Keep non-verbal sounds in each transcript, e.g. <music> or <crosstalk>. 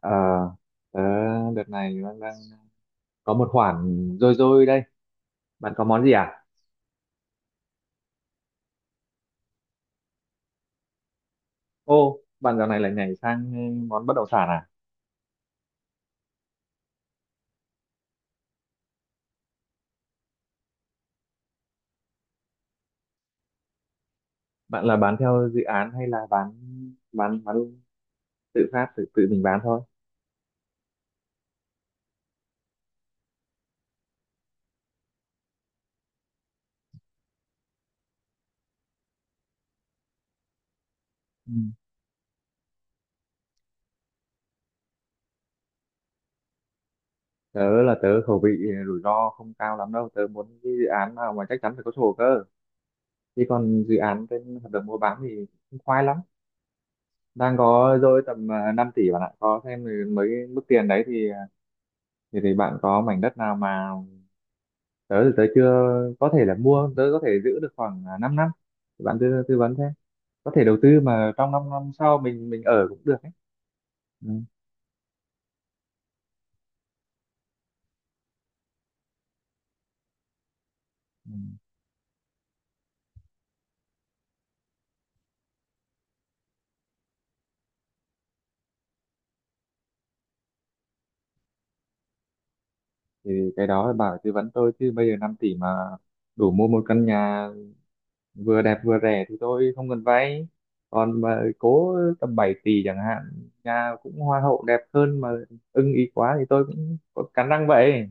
Ờ, Tớ đợt này đang có một khoản dôi dôi đây. Bạn có món gì à? Ô, bạn dạo này lại nhảy sang món bất động sản à? Bạn là bán theo dự án hay là bán tự phát tự tự mình bán thôi? Ừ. Tớ khẩu vị rủi ro không cao lắm đâu. Tớ muốn cái dự án nào mà chắc chắn phải có sổ cơ. Chứ còn dự án trên hợp đồng mua bán thì cũng khoai lắm. Đang có dôi tầm 5 tỷ bạn ạ. Có thêm mới mức tiền đấy thì bạn có mảnh đất nào mà tớ chưa có thể là mua, tớ có thể giữ được khoảng 5 năm năm. Bạn tư tư vấn thế, có thể đầu tư mà trong 5 năm sau mình ở cũng được ấy. Ừ. Ừ. thì cái đó là bảo tư vấn tôi, chứ bây giờ 5 tỷ mà đủ mua một căn nhà vừa đẹp vừa rẻ thì tôi không cần vay. Còn mà cố tầm 7 tỷ chẳng hạn, nhà cũng hoa hậu đẹp hơn mà ưng ý quá thì tôi cũng có cắn răng vậy.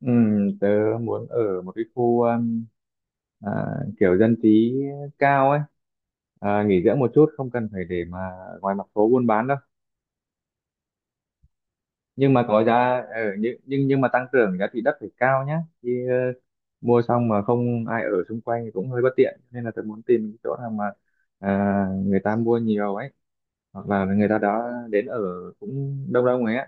Ừ, tớ muốn ở một cái khu à, kiểu dân trí cao ấy, nghỉ dưỡng một chút, không cần phải để mà ngoài mặt phố buôn bán đâu. Nhưng mà có giá, nhưng mà tăng trưởng giá trị đất phải cao nhá. Chứ mua xong mà không ai ở xung quanh thì cũng hơi bất tiện, nên là tớ muốn tìm cái chỗ nào mà à, người ta mua nhiều ấy, hoặc là người ta đó đến ở cũng đông đông ấy á.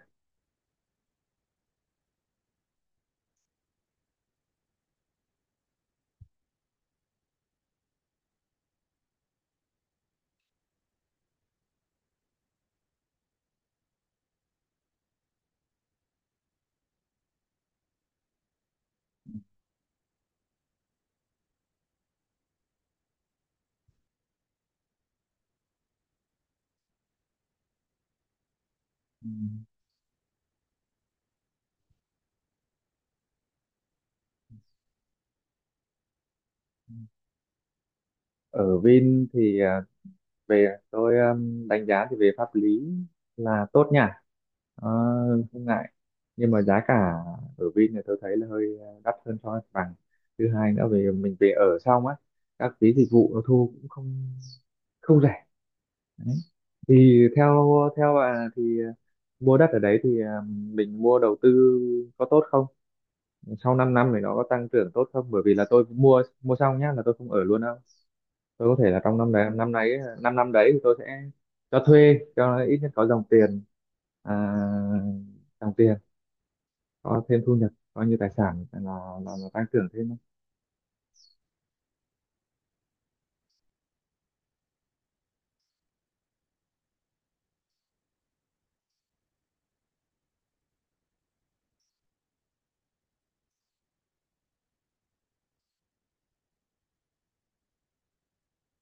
Ừ. Ở Vin thì về tôi đánh giá thì về pháp lý là tốt nha. Ờ, không ngại, nhưng mà giá cả ở Vin này tôi thấy là hơi đắt hơn so với mặt bằng. Thứ hai nữa, về mình về ở xong á, các phí dịch vụ nó thu cũng không không rẻ đấy. Thì theo theo bà thì mua đất ở đấy thì mình mua đầu tư có tốt không, sau 5 năm thì nó có tăng trưởng tốt không, bởi vì là tôi cũng mua mua xong nhá là tôi không ở luôn đâu. Tôi có thể là trong năm đấy, năm nay ấy, năm năm đấy thì tôi sẽ cho thuê cho nó ít nhất có dòng tiền, à, dòng tiền, có thêm thu nhập, coi như tài sản là là tăng trưởng thêm thôi.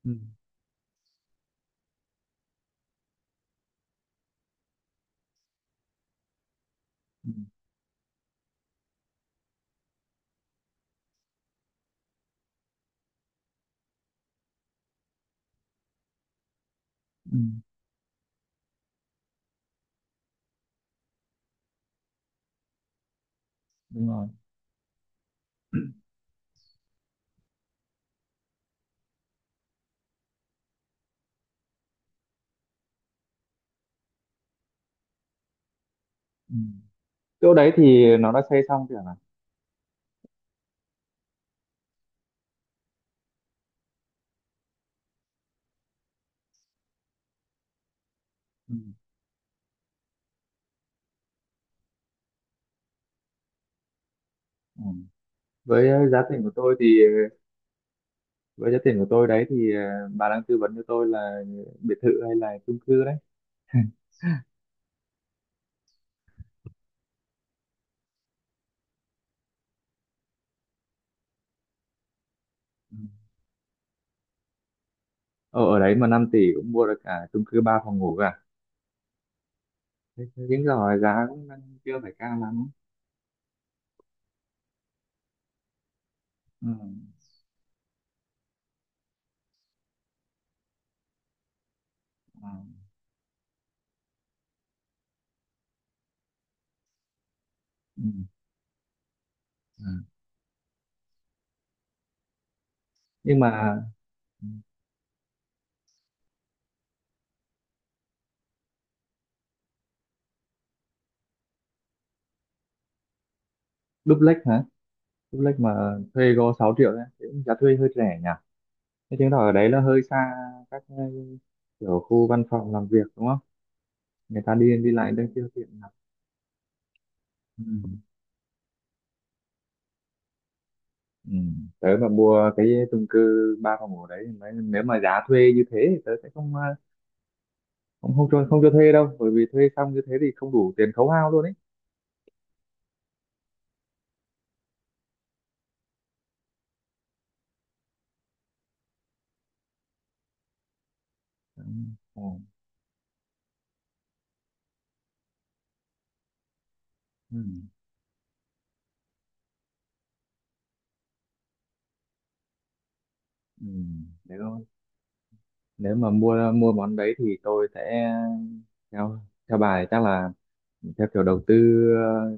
Ừ, ừ, ừ, đúng rồi. <clears throat> Ừ. Chỗ đấy thì nó đã xây xong chưa hả? Ừ. Ừ. Với giá tiền của tôi thì với giá tiền của tôi đấy thì bà đang tư vấn cho tôi là biệt thự hay là chung cư đấy? <laughs> Ừ. Ở ở đấy mà 5 tỷ cũng mua được cả chung cư 3 phòng ngủ. Thế- thế Đúng rồi, giá cũng đang chưa phải cao lắm. Ừ. Ừ. Ừ. Ừ. Nhưng mà duplex hả? Duplex mà thuê có sáu triệu đấy thì cũng giá thuê hơi rẻ nhỉ? Thế chứng tỏ ở đấy là hơi xa các kiểu khu văn phòng làm việc đúng không? Người ta đi đi lại đang chưa tiện lắm. Ừ. Ừ. Tớ mà mua cái chung cư ba phòng ngủ đấy nếu mà giá thuê như thế thì tớ sẽ không ờ, không không cho không cho thuê đâu, bởi vì thuê xong như thế thì không đủ tiền khấu hao luôn ấy. Ừ. Ừ. Ừ. Nếu nếu mà mua mua món đấy thì tôi sẽ theo theo bà thì chắc là theo kiểu đầu tư ờ,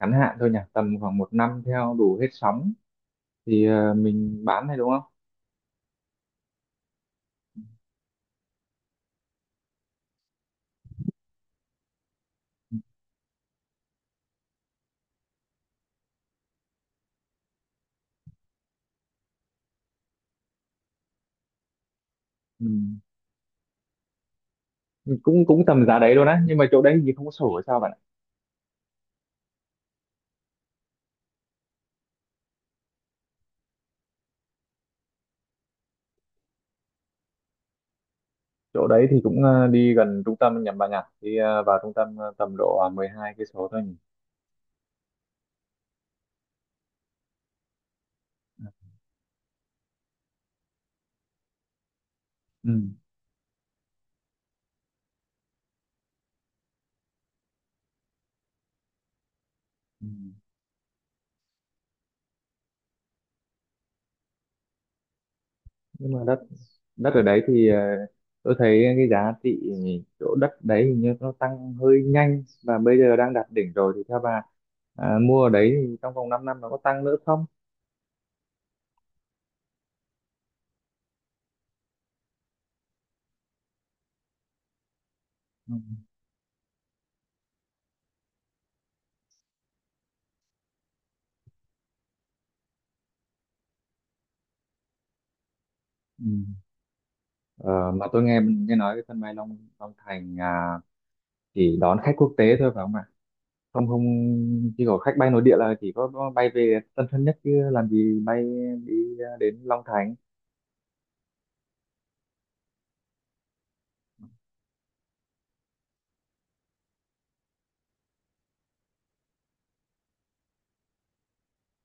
ngắn hạn thôi nhỉ, tầm khoảng một năm theo đủ hết sóng thì mình bán này đúng không? Ừ. Cũng cũng tầm giá đấy luôn á, nhưng mà chỗ đấy thì không có sổ hay sao bạn ạ? Chỗ đấy thì cũng đi gần trung tâm nhầm bà nhỉ, đi vào trung tâm tầm độ 12 cây số thôi nhỉ? Ừ. Ừ. Nhưng mà đất đất ở đấy thì tôi thấy cái giá trị chỗ đất đấy hình như nó tăng hơi nhanh và bây giờ đang đạt đỉnh rồi, thì theo bà, mua ở đấy thì trong vòng 5 năm nó có tăng nữa không? Ừ. Ừ. Ờ, mà tôi nghe nghe nói cái sân bay Long Long Thành à, chỉ đón khách quốc tế thôi phải không ạ? Không không, chỉ có khách bay nội địa là chỉ có bay về Tân Sơn Nhất, chứ làm gì bay đi đến Long Thành.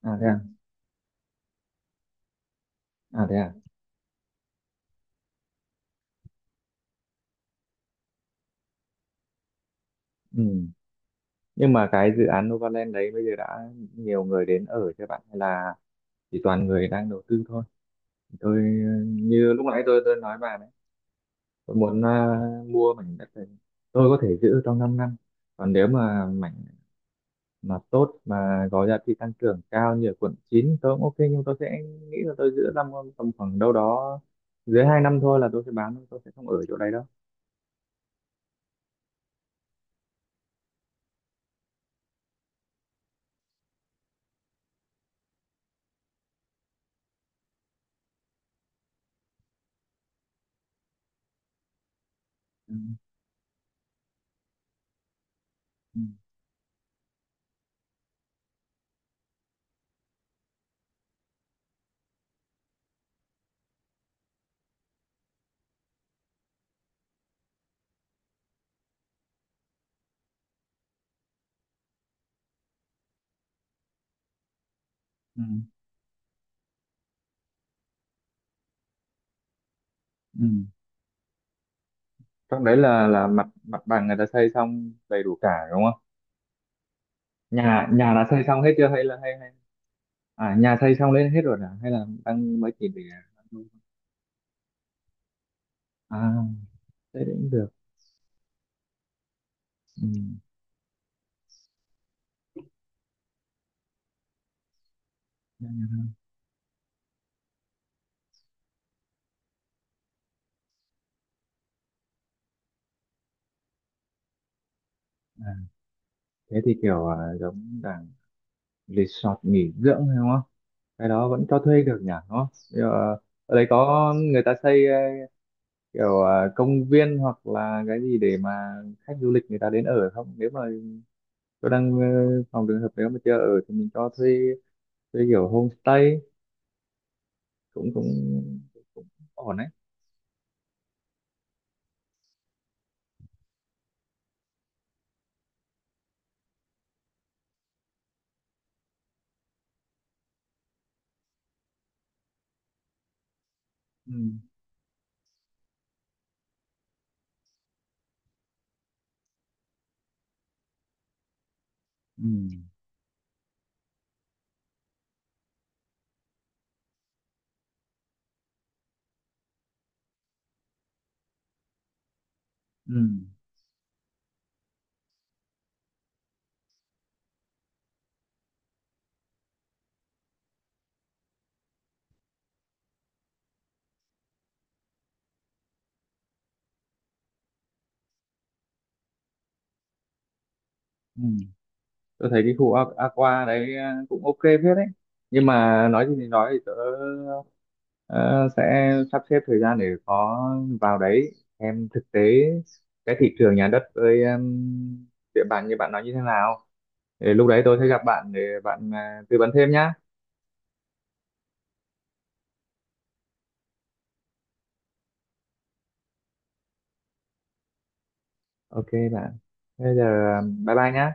À thế à. À thế à. Ừ. Nhưng mà cái dự án Novaland đấy bây giờ đã nhiều người đến ở cho bạn hay là chỉ toàn người đang đầu tư thôi? Tôi như lúc nãy tôi nói bà đấy, tôi muốn mua mảnh đất này, tôi có thể giữ trong 5 năm. Còn nếu mà mảnh mà tốt mà có giá trị tăng trưởng cao như ở quận 9 tôi cũng ok, nhưng tôi sẽ nghĩ là tôi giữ tầm tầm khoảng đâu đó dưới 2 năm thôi là tôi sẽ bán, tôi sẽ không ở chỗ đấy đâu. Ừ. Ừ. Ừ. Ừ. Trong đấy là mặt mặt bằng người ta xây xong đầy đủ cả đúng không? Nhà nhà đã xây xong hết chưa, hay là hay hay à nhà xây xong đến hết rồi à, hay là đang mới chỉ để à thế thì cũng được. Ừ. Nhà thôi. À, thế thì kiểu à, giống dạng resort nghỉ dưỡng hay không á? Cái đó vẫn cho thuê được nhỉ đúng không? Bây giờ, ở đấy có người ta xây kiểu công viên hoặc là cái gì để mà khách du lịch người ta đến ở không, nếu mà tôi đang phòng trường hợp nếu mà chưa ở thì mình cho thuê, thuê kiểu homestay cũng cũng cũng ổn đấy. Ừ. Ừ. Ừ. Ừ. Tôi thấy cái khu Aqua đấy cũng ok phết đấy. Nhưng mà nói gì thì nói thì tớ ờ, sẽ sắp xếp thời gian để có vào đấy em thực tế cái thị trường nhà đất với địa bàn như bạn nói như thế nào, để lúc đấy tôi sẽ gặp bạn để bạn tư vấn thêm nhá. Ok bạn, bây giờ bye bye nhá.